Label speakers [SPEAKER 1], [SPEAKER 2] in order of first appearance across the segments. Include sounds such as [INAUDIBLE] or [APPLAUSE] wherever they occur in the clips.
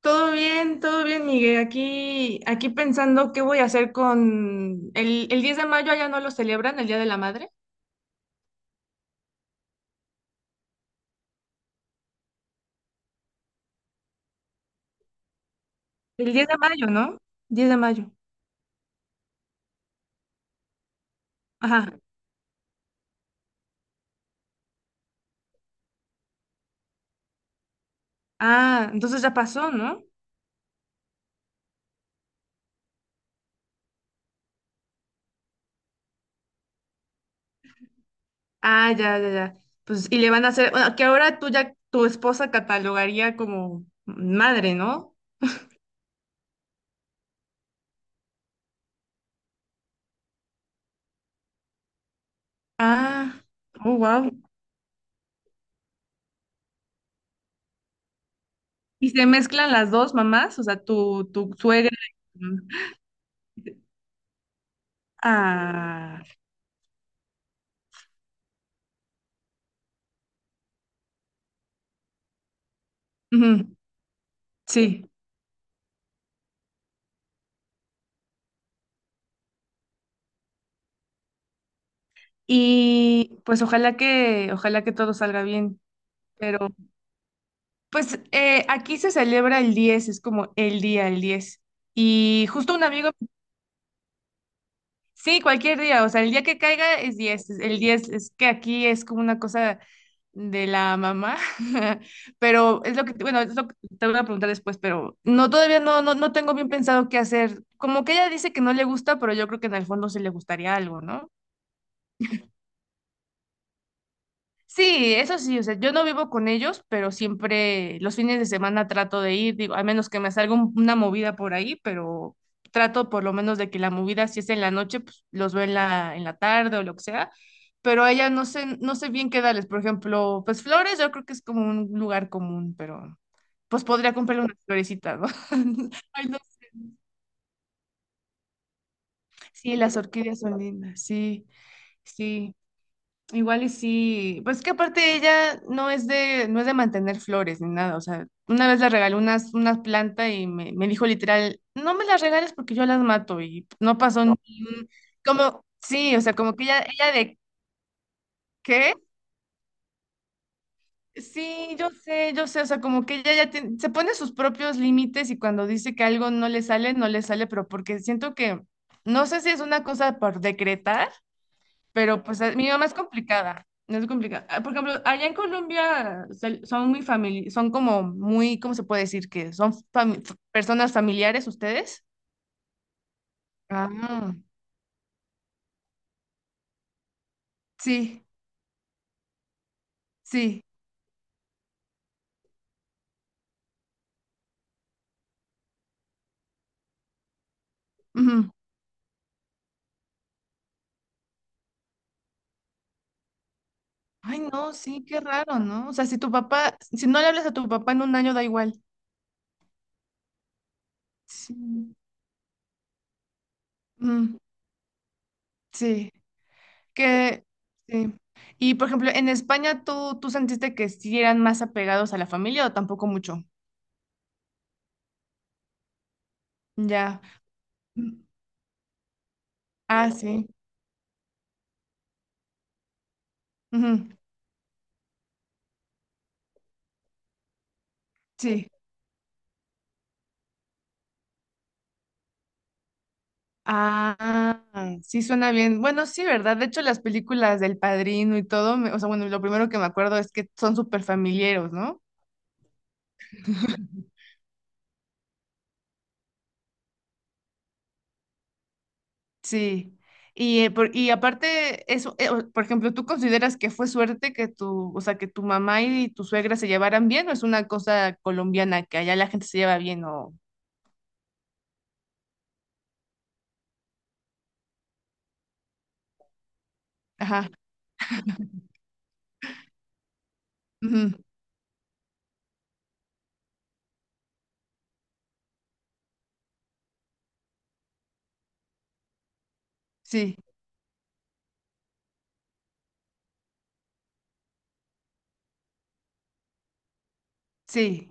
[SPEAKER 1] Todo bien, Miguel. Aquí pensando qué voy a hacer con el 10 de mayo, allá no lo celebran, el Día de la Madre. El 10 de mayo, ¿no? 10 de mayo. Ajá. Ah, entonces ya pasó, ¿no? Ah, ya, ya, ya. Pues, y le van a hacer, bueno, que ahora tú ya, tu esposa catalogaría como madre, ¿no? Ah, oh, wow. Y se mezclan las dos mamás, o sea, tu suegra. Ah, ujú, sí. Y pues ojalá que todo salga bien. Pero pues aquí se celebra el 10 es como el día, el 10. Y justo un amigo, sí, cualquier día, o sea, el día que caiga es 10 El 10 es que aquí es como una cosa de la mamá, [LAUGHS] pero es lo que, bueno, es lo que te voy a preguntar después, pero no, todavía no, no tengo bien pensado qué hacer. Como que ella dice que no le gusta, pero yo creo que en el fondo sí le gustaría algo, ¿no? Sí, eso sí, o sea, yo no vivo con ellos, pero siempre los fines de semana trato de ir, digo, a menos que me salga una movida por ahí, pero trato por lo menos de que la movida, si es en la noche, pues los veo en la, tarde o lo que sea, pero a ella no sé bien qué darles, por ejemplo, pues flores, yo creo que es como un lugar común, pero pues podría comprarle unas florecitas, ¿no? [LAUGHS] Ay, no, sí, las orquídeas son lindas, sí, sí. Igual y sí, pues que aparte ella no es de mantener flores ni nada, o sea, una vez le regalé unas plantas y me dijo literal, no me las regales porque yo las mato y no pasó ni no. un, Como, sí, o sea, como que ella de qué, sí, yo sé, o sea, como que ella ya se pone sus propios límites y cuando dice que algo no le sale, no le sale, pero porque siento que, no sé si es una cosa por decretar. Pero pues mi mamá es complicada, no es complicada. Ah, por ejemplo, allá en Colombia son muy famili son como muy, ¿cómo se puede decir que son personas familiares ustedes? Ah, sí, sí. Ujú. Ay, no, sí, qué raro, ¿no? O sea, si tu papá, si no le hablas a tu papá en un año, da igual. Sí. Mm, sí. Que, sí. Y por ejemplo, en España, ¿tú sentiste que sí eran más apegados a la familia o tampoco mucho? Ya. Mm, ah, sí. Ujú. Sí. Ah, sí suena bien. Bueno, sí, ¿verdad? De hecho, las películas del Padrino y todo, o sea, bueno, lo primero que me acuerdo es que son súper familiares, ¿no? Sí. Y aparte, eso, por ejemplo, ¿tú consideras que fue suerte que tu, o sea, que tu mamá y tu suegra se llevaran bien o es una cosa colombiana que allá la gente se lleva bien o... Ajá. Ujú, sí, sí,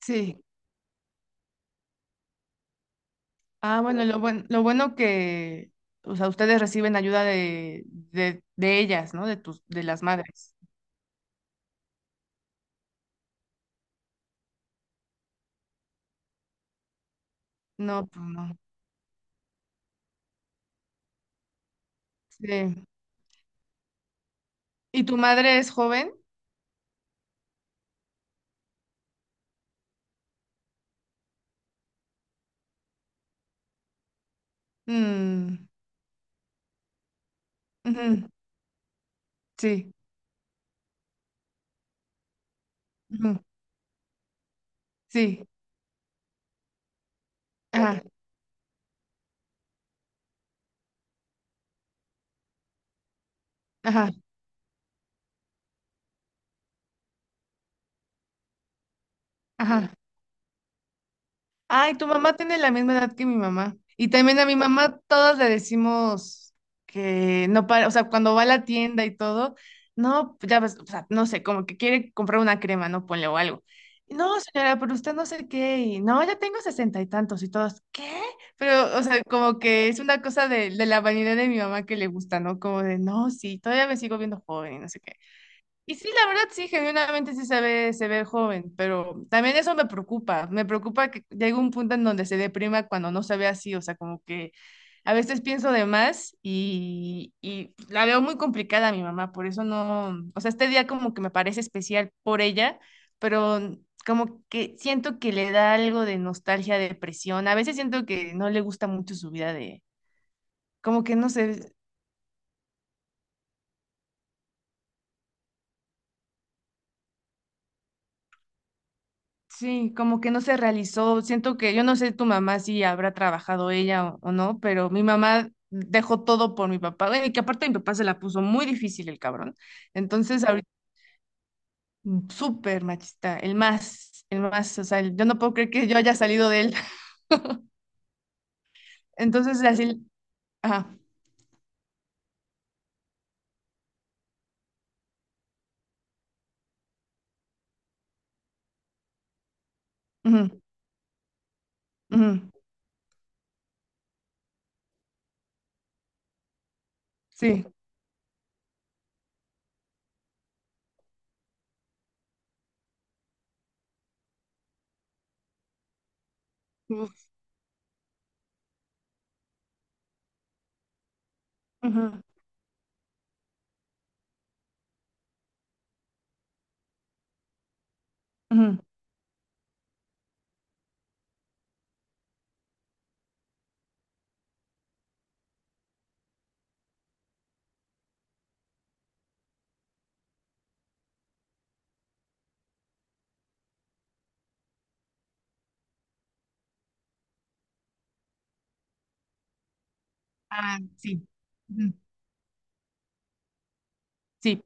[SPEAKER 1] sí. Ah, bueno, lo bueno que, o sea, ustedes reciben ayuda de ellas, ¿no? De tus, de las madres. No, pues no. Sí. ¿Y tu madre es joven? Mm, ujú, sí. Ujú, sí. Ajá. Ajá. Ajá. Ay, tu mamá tiene la misma edad que mi mamá. Y también a mi mamá todos le decimos que no para, o sea, cuando va a la tienda y todo, no, ya ves, o sea, no sé, como que quiere comprar una crema, no ponle o algo. No, señora, pero usted no sé qué, y no, ya tengo sesenta y tantos y todos, ¿qué? Pero, o sea, como que es una cosa de la vanidad de mi mamá que le gusta, ¿no? Como de, no, sí, todavía me sigo viendo joven y no sé qué. Y sí, la verdad, sí, genuinamente sí se ve joven, pero también eso me preocupa. Me preocupa que llegue un punto en donde se deprima cuando no se ve así. O sea, como que a veces pienso de más y la veo muy complicada a mi mamá. Por eso no, o sea, este día como que me parece especial por ella, pero como que siento que le da algo de nostalgia, depresión. A veces siento que no le gusta mucho su vida de, como que no sé, sí, como que no se realizó. Siento que yo no sé tu mamá si habrá trabajado ella o no, pero mi mamá dejó todo por mi papá. Bueno, y que aparte mi papá se la puso muy difícil el cabrón. Entonces, ahorita, mm, súper machista, el más, o sea, yo no puedo creer que yo haya salido de él. [LAUGHS] Entonces, así, ajá, ujú, ujú, sí, uf, ujú, ujú, ah, sí, ujú, sí,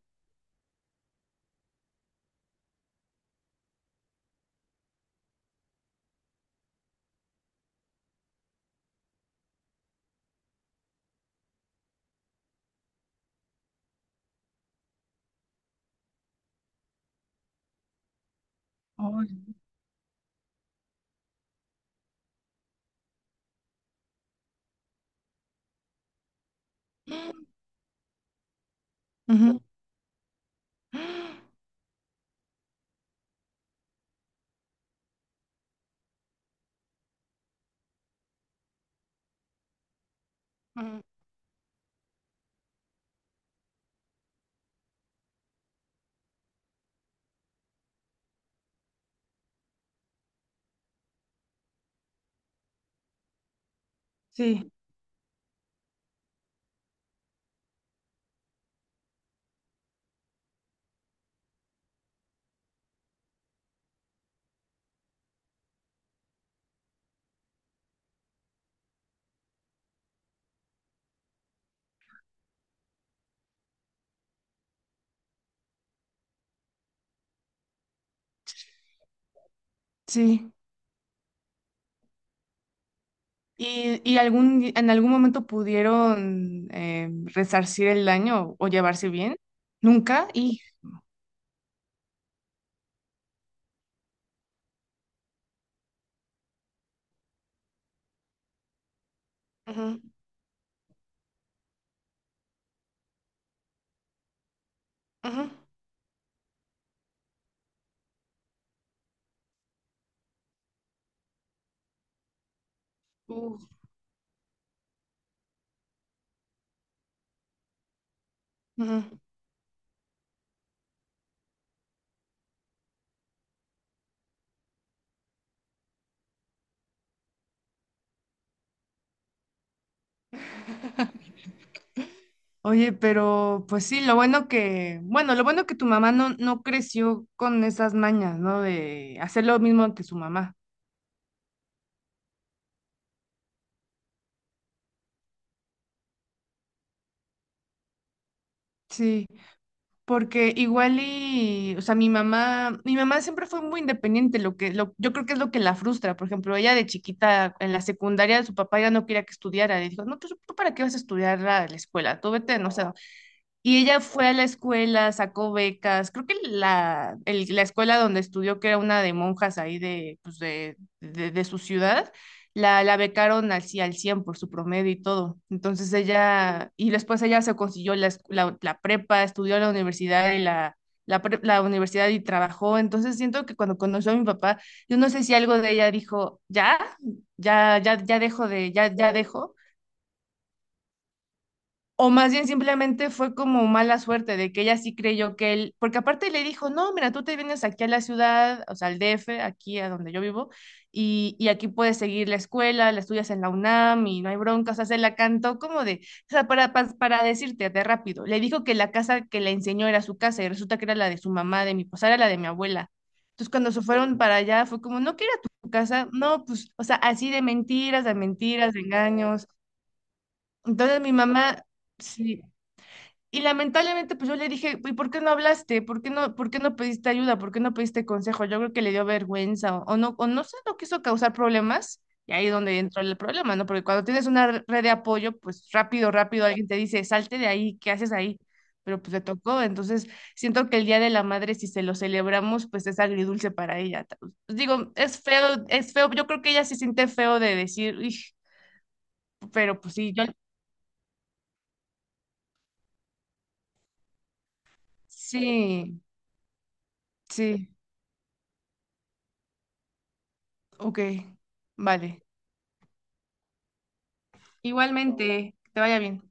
[SPEAKER 1] ay, ujú, [GASPS] ujú, sí, sí. ¿Y algún, en algún momento pudieron resarcir el daño o llevarse bien? Nunca. Y, ujú, ujú, uf. Ujú. Oye, pero pues sí, lo bueno que, bueno, lo bueno que tu mamá no creció con esas mañas, ¿no? De hacer lo mismo que su mamá. Sí. Porque igual y, o sea, mi mamá siempre fue muy independiente, yo creo que es lo que la frustra. Por ejemplo, ella de chiquita en la secundaria, su papá ya no quería que estudiara, le dijo, no, pues tú para qué vas a estudiar la escuela, tú vete, no sé, a, y ella fue a la escuela, sacó becas, creo que la escuela donde estudió, que era una de monjas ahí pues de su ciudad, la becaron al 100 por su promedio y todo. Entonces ella, y después ella se consiguió la prepa, estudió en la universidad y la, la universidad y trabajó. Entonces siento que cuando conoció a mi papá, yo no sé si algo de ella dijo, ya, ya, ya, ya dejo de, ya, ya dejo. O más bien simplemente fue como mala suerte de que ella sí creyó que él, porque aparte le dijo, no, mira, tú te vienes aquí a la ciudad, o sea, al DF, aquí a donde yo vivo, y aquí puedes seguir la escuela, la estudias en la UNAM y no hay bronca, o sea, se la cantó como de, o sea, para, decirte de rápido, le dijo que la casa que le enseñó era su casa y resulta que era la de su mamá, de mi, o sea, era la de mi abuela. Entonces cuando se fueron para allá fue como, no, que era tu casa, no, pues, o sea, así de mentiras, de mentiras, de engaños. Entonces mi mamá... Sí, y lamentablemente, pues yo le dije, ¿y por qué no hablaste? ¿Por qué no pediste ayuda? ¿Por qué no pediste consejo? Yo creo que le dio vergüenza o no, o no sé, no quiso causar problemas. Y ahí es donde entró el problema, ¿no? Porque cuando tienes una red de apoyo, pues rápido, rápido alguien te dice, salte de ahí, ¿qué haces ahí? Pero pues le tocó. Entonces, siento que el Día de la Madre, si se lo celebramos, pues es agridulce para ella. Pues, digo, es feo, es feo. Yo creo que ella se siente feo de decir, "Ij", pero pues sí, yo... Sí, sí, ok, vale. Igualmente, que te vaya bien.